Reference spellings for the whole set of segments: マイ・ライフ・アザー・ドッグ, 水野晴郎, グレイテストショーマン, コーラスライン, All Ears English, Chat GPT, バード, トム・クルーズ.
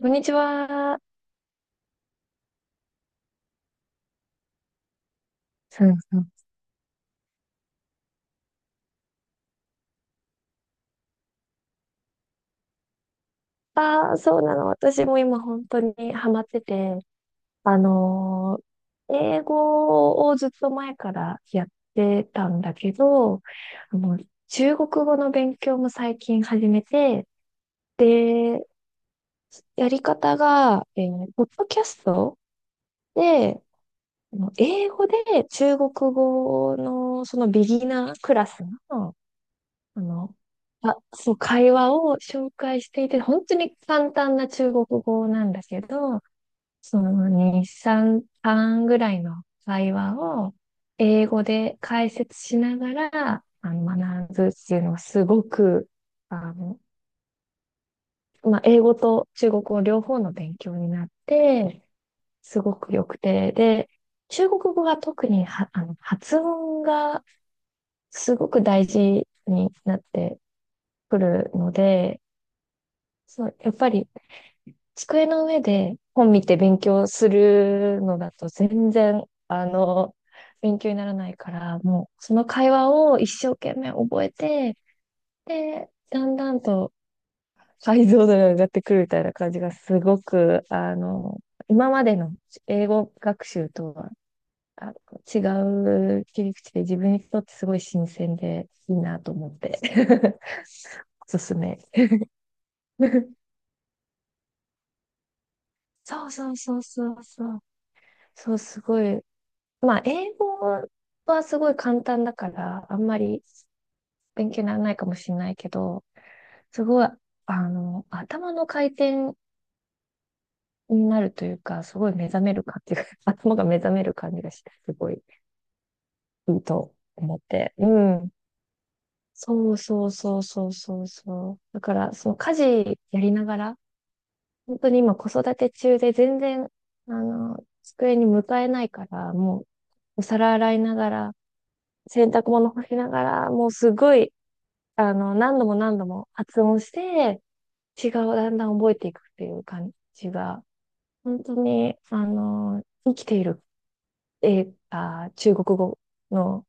こんにちは。そうそう。ああ、そうなの。私も今本当にハマってて、あのー英語をずっと前からやってたんだけど、あの、中国語の勉強も最近始めて、で、やり方が、ポッドキャストで、英語で中国語のそのビギナークラスのあの、あ、そう、会話を紹介していて、本当に簡単な中国語なんだけど、その2、3、半ぐらいの会話を英語で解説しながら、学ぶっていうのはすごく、あの、まあ、英語と中国語両方の勉強になって、すごく良くて、で、中国語が特には、発音がすごく大事になってくるので、そう、やっぱり机の上で本見て勉強するのだと全然、勉強にならないから、もうその会話を一生懸命覚えて、で、だんだんと解像度が上がってくるみたいな感じがすごく、今までの英語学習とは違う切り口で自分にとってすごい新鮮でいいなと思って、おすすめ。そうそうそうそうそう。そう、すごい。まあ、英語はすごい簡単だから、あんまり勉強にならないかもしれないけど、すごい、頭の回転になるというか、すごい目覚める感じが、頭が目覚める感じがして、すごいいいと思って。うん。そうそうそうそうそうそう。だから、その家事やりながら、本当に今子育て中で全然、机に向かえないから、もうお皿洗いながら、洗濯物干しながら、もうすごい、何度も何度も発音して、違う、だんだん覚えていくっていう感じが、本当に、生きている、中国語の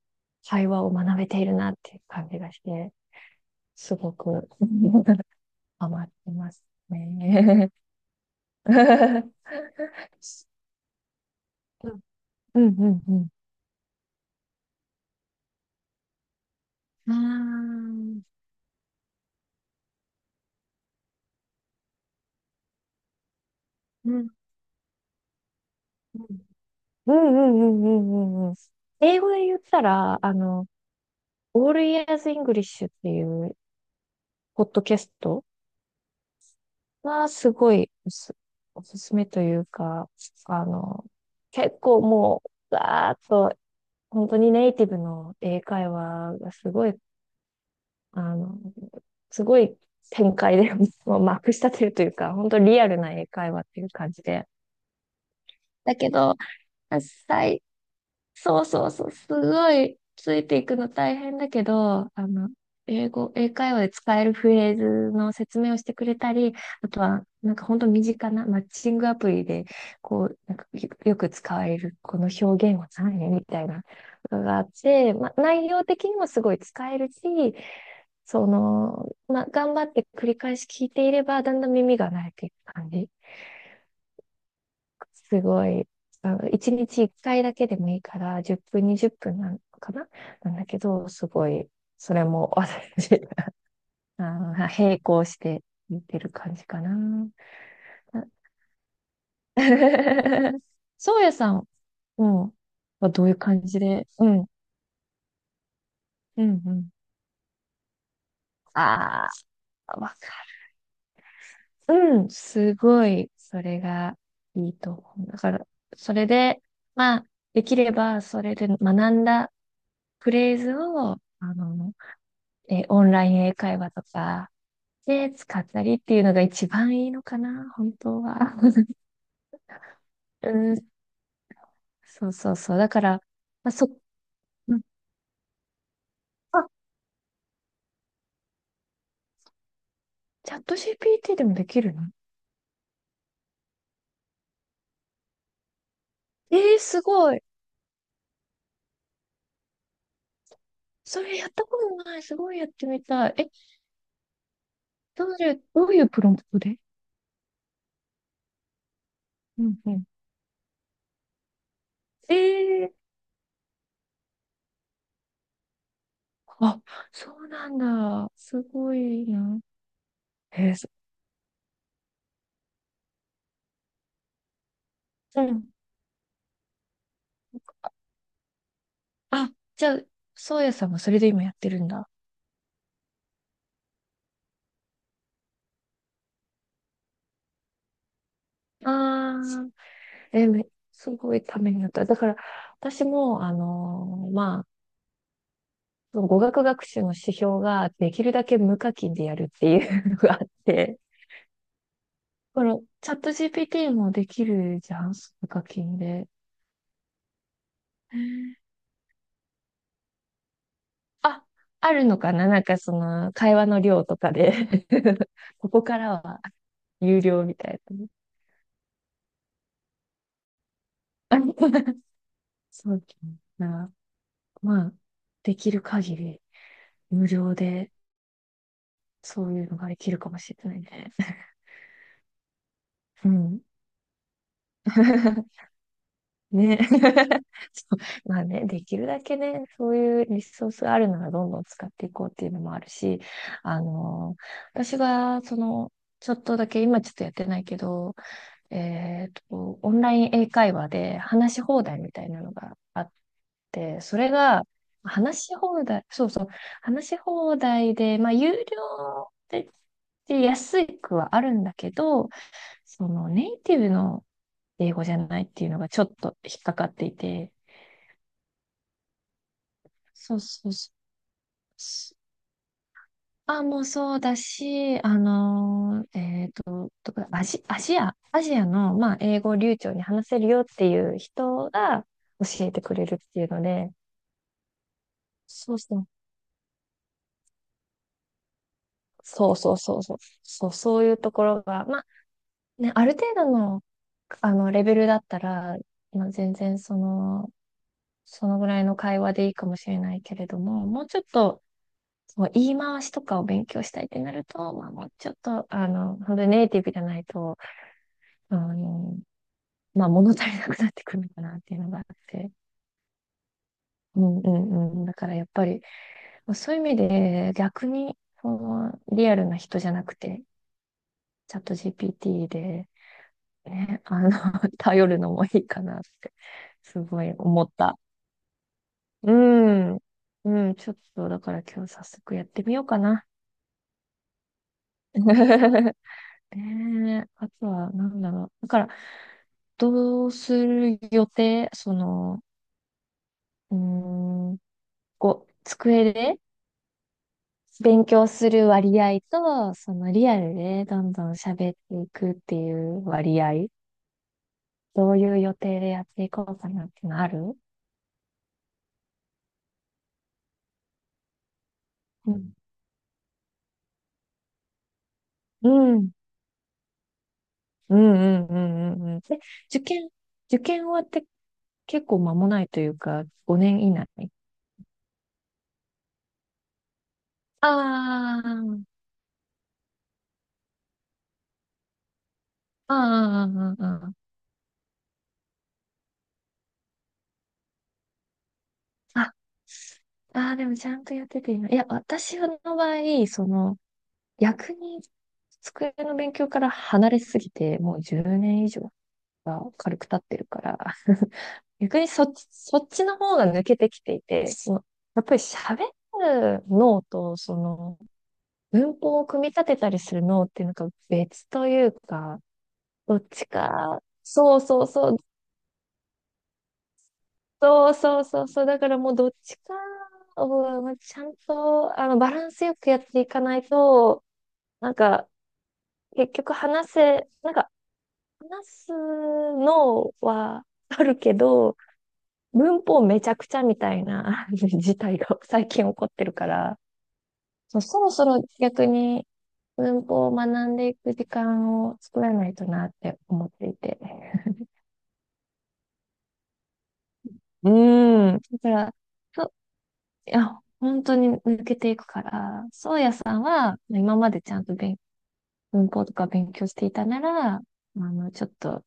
会話を学べているなっていう感じがして、すごく ハマってますね。うんうんうんうん。ああ、うんうんうんうんうんうんうん。英語で言ったら、All Ears English っていうポッドキャストはすごいおすすめというか、あの、結構もう、ガーッと、本当にネイティブの英会話がすごい、あの、すごい展開で、もうまくしたてるというか、本当リアルな英会話っていう感じで。だけど、最そうそうそう、すごいついていくの大変だけど、英会話で使えるフレーズの説明をしてくれたり、あとは、なんか本当身近なマッチングアプリで、こう、なんかよく使われる、この表現は何みたいなのがあって、まあ、内容的にもすごい使えるし、その、まあ、頑張って繰り返し聞いていれば、だんだん耳が慣れていく感じ。すごい、1日1回だけでもいいから、10分、20分なのかななんだけど、すごい、それも私、並行して見てる感じかな。そうやさん、うん、はどういう感じで？うん、うん、うん。ああ、わかる。うん、すごい、それがいいと思う。だから、それで、まあ、できれば、それで学んだフレーズを、オンライン英会話とかで使ったりっていうのが一番いいのかな、本当は。うん、そうそうそう。だから、まあ、うんあ、チャット GPT でもできるの？すごい。それやったことない。すごいやってみたい。どういうプロンプトで？うんうん。えー、あ、そうなんだ。すごいな。そうん。あ、じゃあ、そうやさんはそれで今やってるんだ。ああ、え、めすごいためになった。だから、私も、まあ、その語学学習の指標ができるだけ無課金でやるっていうのがあって、このチャット GPT もできるじゃん、無課金で。あ、あるのかな、なんかその会話の量とかで ここからは有料みたいなね。そうだな。まあ、できる限り無料でそういうのができるかもしれないね。うん。ね。そうまあね、できるだけね、そういうリソースがあるならどんどん使っていこうっていうのもあるし、あの私が、その、ちょっとだけ、今ちょっとやってないけど、オンライン英会話で話し放題みたいなのがあって、それが、話し放題、そうそう、話し放題で、まあ、有料で、で安くはあるんだけど、そのネイティブの英語じゃないっていうのがちょっと引っかかっていて、そうそうそう。あ、もうそうだし、どこだアジアの、まあ、英語を流暢に話せるよっていう人が教えてくれるっていうので、そうそう。そうそうそうそう。そう、そういうところが、まあ、ね、ある程度の、レベルだったら、まあ、全然その、そのぐらいの会話でいいかもしれないけれども、もうちょっと、そう、言い回しとかを勉強したいってなると、まあもうちょっと、本当にネイティブじゃないと、あの、まあ物足りなくなってくるのかなっていうのがあって。うんうんうん。だからやっぱり、そういう意味で逆に、その、リアルな人じゃなくて、チャット GPT で、ね、頼るのもいいかなって、すごい思った。うん。うん、ちょっと、だから今日早速やってみようかな。ねえ、あとは、なんだろう。だから、どうする予定その、うーん、こう、机で勉強する割合と、そのリアルでどんどん喋っていくっていう割合、どういう予定でやっていこうかなってのある？うん、うん、うん、うん、うん、うん。うんで、受験、受験終わって結構間もないというか、5年以内。ああ、ああ、ああ、ああ。ああ、でもちゃんとやってて今。いや、私の場合、その、逆に机の勉強から離れすぎて、もう10年以上が軽く経ってるから、逆にそっちの方が抜けてきていて、そのやっぱり喋る脳と、その、文法を組み立てたりする脳っていうのが別というか、どっちか、そうそうそう、そうそうそう、そう、だからもうどっちかを、ちゃんと、バランスよくやっていかないと、なんか、結局なんか、話すのはあるけど、文法めちゃくちゃみたいな 事態が最近起こってるから、そうそろそろ逆に文法を学んでいく時間を作らないとなって思っていて。うーん。だから、そう、いや、本当に抜けていくから、そうやさんは、今までちゃんと文法とか勉強していたなら、ちょっと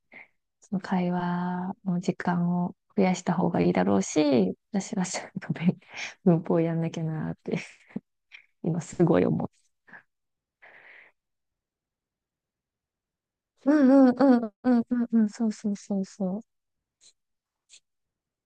その会話の時間を増やした方がいいだろうし、私はちゃんと文法やんなきゃなって、今すごい思う。うんうんうんうんうんうん、そうそうそうそう。